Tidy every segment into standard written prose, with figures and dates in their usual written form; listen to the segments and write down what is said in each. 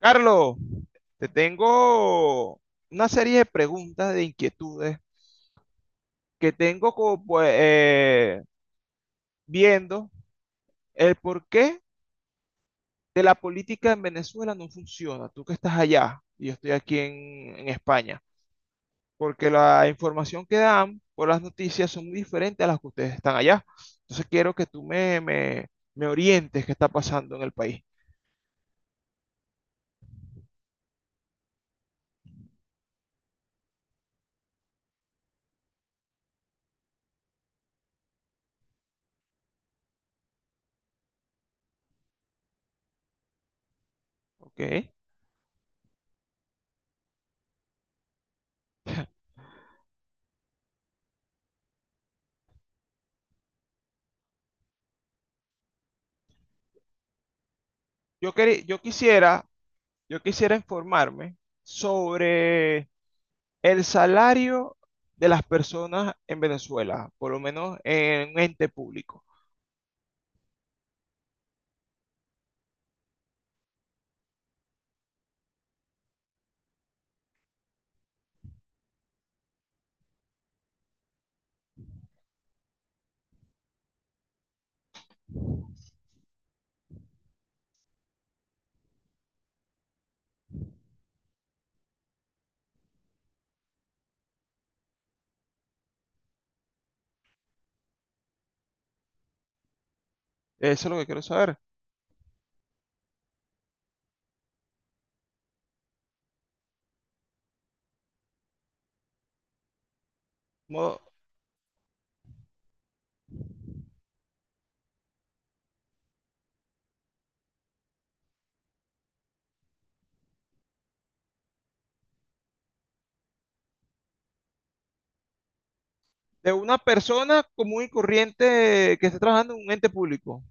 Carlos, te tengo una serie de preguntas, de inquietudes que tengo como, pues, viendo el porqué de la política en Venezuela no funciona. Tú que estás allá y yo estoy aquí en España, porque la información que dan por las noticias son muy diferentes a las que ustedes están allá. Entonces quiero que tú me orientes qué está pasando en el país. ¿Ok? Yo, queri- yo quisiera, yo quisiera informarme sobre el salario de las personas en Venezuela, por lo menos en un ente público. Eso es lo que quiero saber. Como de una persona común y corriente que esté trabajando en un ente público.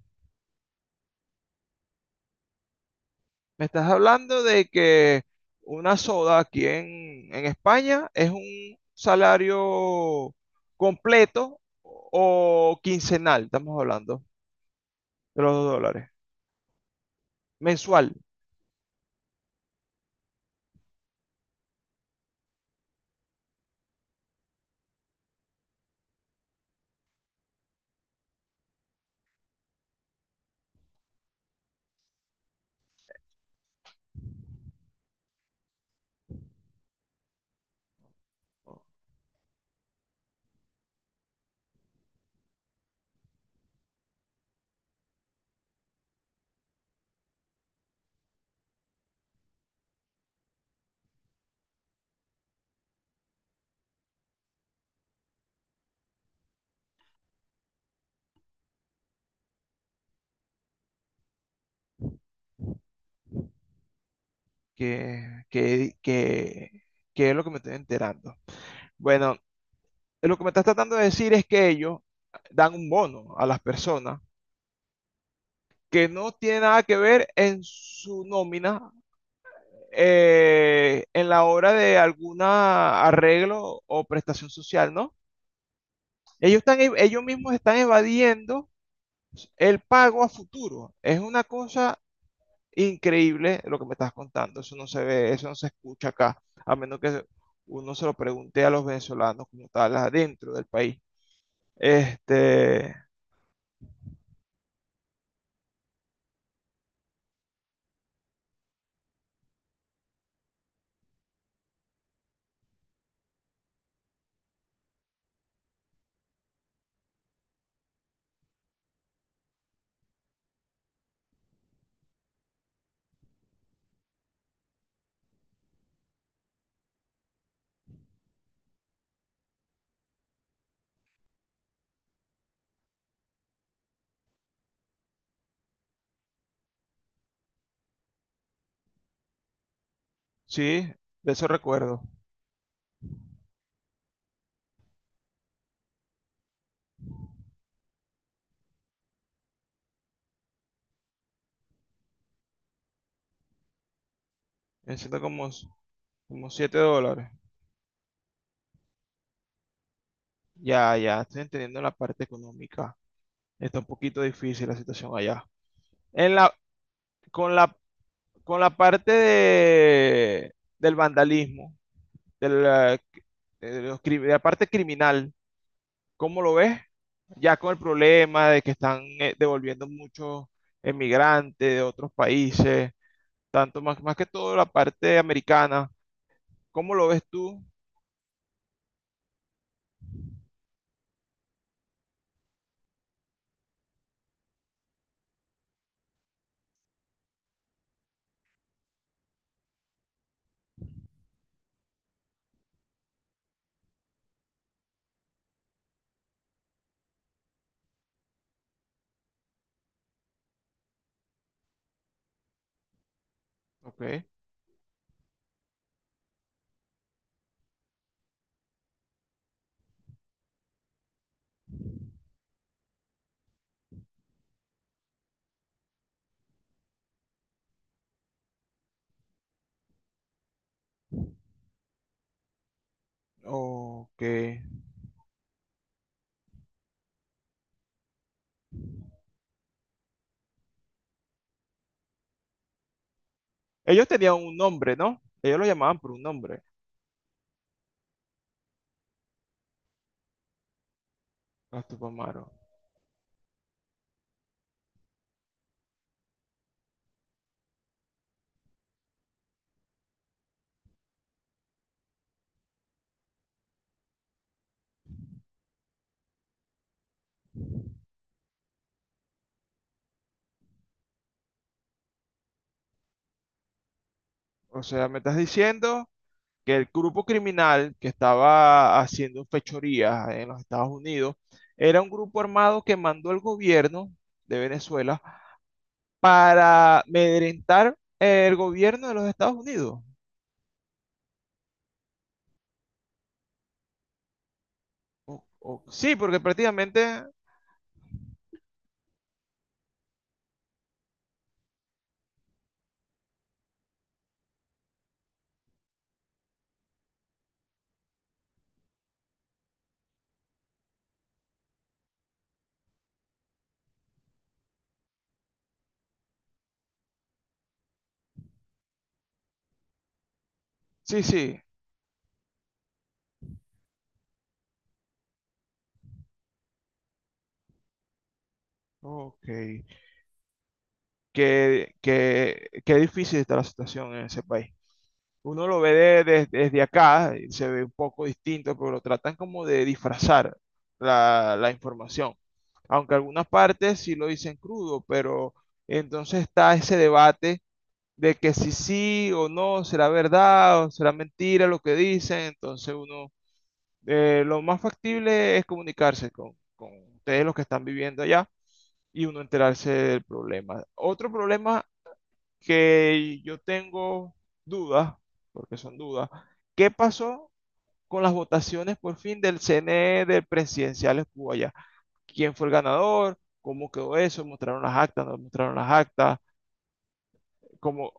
Me estás hablando de que una soda aquí en España es un salario completo o quincenal, estamos hablando de los dos dólares, mensual, que, que, que, que es lo que me estoy enterando. Bueno, lo que me estás tratando de decir es que ellos dan un bono a las personas que no tiene nada que ver en su nómina, en la hora de algún arreglo o prestación social, ¿no? Ellos están, ellos mismos están evadiendo el pago a futuro. Es una cosa increíble lo que me estás contando. Eso no se ve, eso no se escucha acá, a menos que uno se lo pregunte a los venezolanos como tal, adentro del país. Este, sí, de eso recuerdo. Necesito como, como 7 dólares. Ya, ya, estoy entendiendo la parte económica. Está un poquito difícil la situación allá. En la, con la, con la parte del vandalismo, de la, de la parte criminal, ¿cómo lo ves? Ya con el problema de que están devolviendo muchos emigrantes de otros países, tanto más que todo la parte americana, ¿cómo lo ves tú? Ok, ok. Ellos tenían un nombre, ¿no? Ellos lo llamaban por un nombre, los Tupamaros. O sea, me estás diciendo que el grupo criminal que estaba haciendo fechorías en los Estados Unidos era un grupo armado que mandó el gobierno de Venezuela para amedrentar el gobierno de los Estados Unidos. Sí, porque prácticamente, sí, sí. Ok. Qué difícil está la situación en ese país. Uno lo ve desde acá, y se ve un poco distinto, pero lo tratan como de disfrazar la información. Aunque algunas partes sí lo dicen crudo, pero entonces está ese debate de que si sí o no, será verdad o será mentira lo que dicen. Entonces uno, lo más factible es comunicarse con ustedes los que están viviendo allá y uno enterarse del problema. Otro problema que yo tengo dudas, porque son dudas, ¿qué pasó con las votaciones por fin del CNE de presidenciales cuba allá? ¿Quién fue el ganador? ¿Cómo quedó eso? ¿Mostraron las actas? ¿No mostraron las actas? ¿Cómo?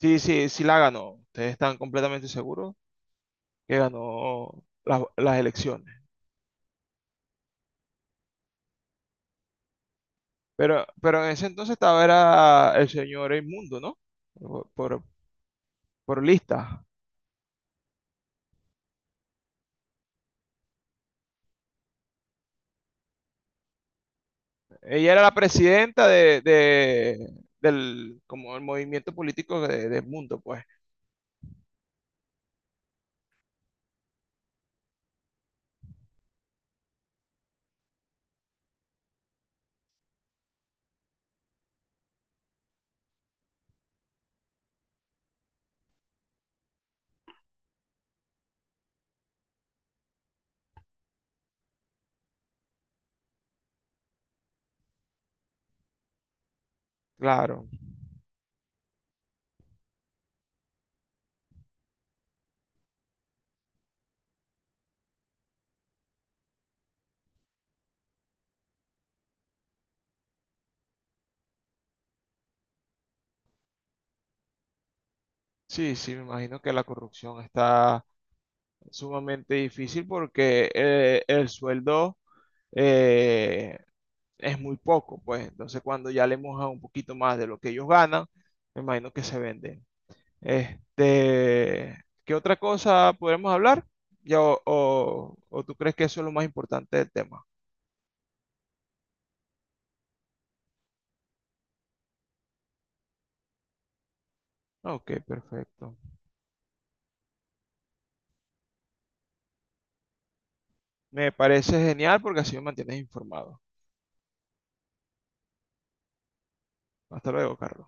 Sí, sí, sí la ganó. Ustedes están completamente seguros que ganó las elecciones. Pero en ese entonces estaba era el señor Inmundo, ¿no? Por, por, por lista. Ella era la presidenta del como el movimiento político del mundo, pues. Claro. Sí, sí, me imagino que la corrupción está sumamente difícil porque el sueldo eh, es muy poco, pues. Entonces, cuando ya le mojan un poquito más de lo que ellos ganan, me imagino que se venden. Este, ¿qué otra cosa podemos hablar? Ya, o tú crees que eso es lo más importante del tema? Ok, perfecto. Me parece genial porque así me mantienes informado. Hasta luego, Carlos.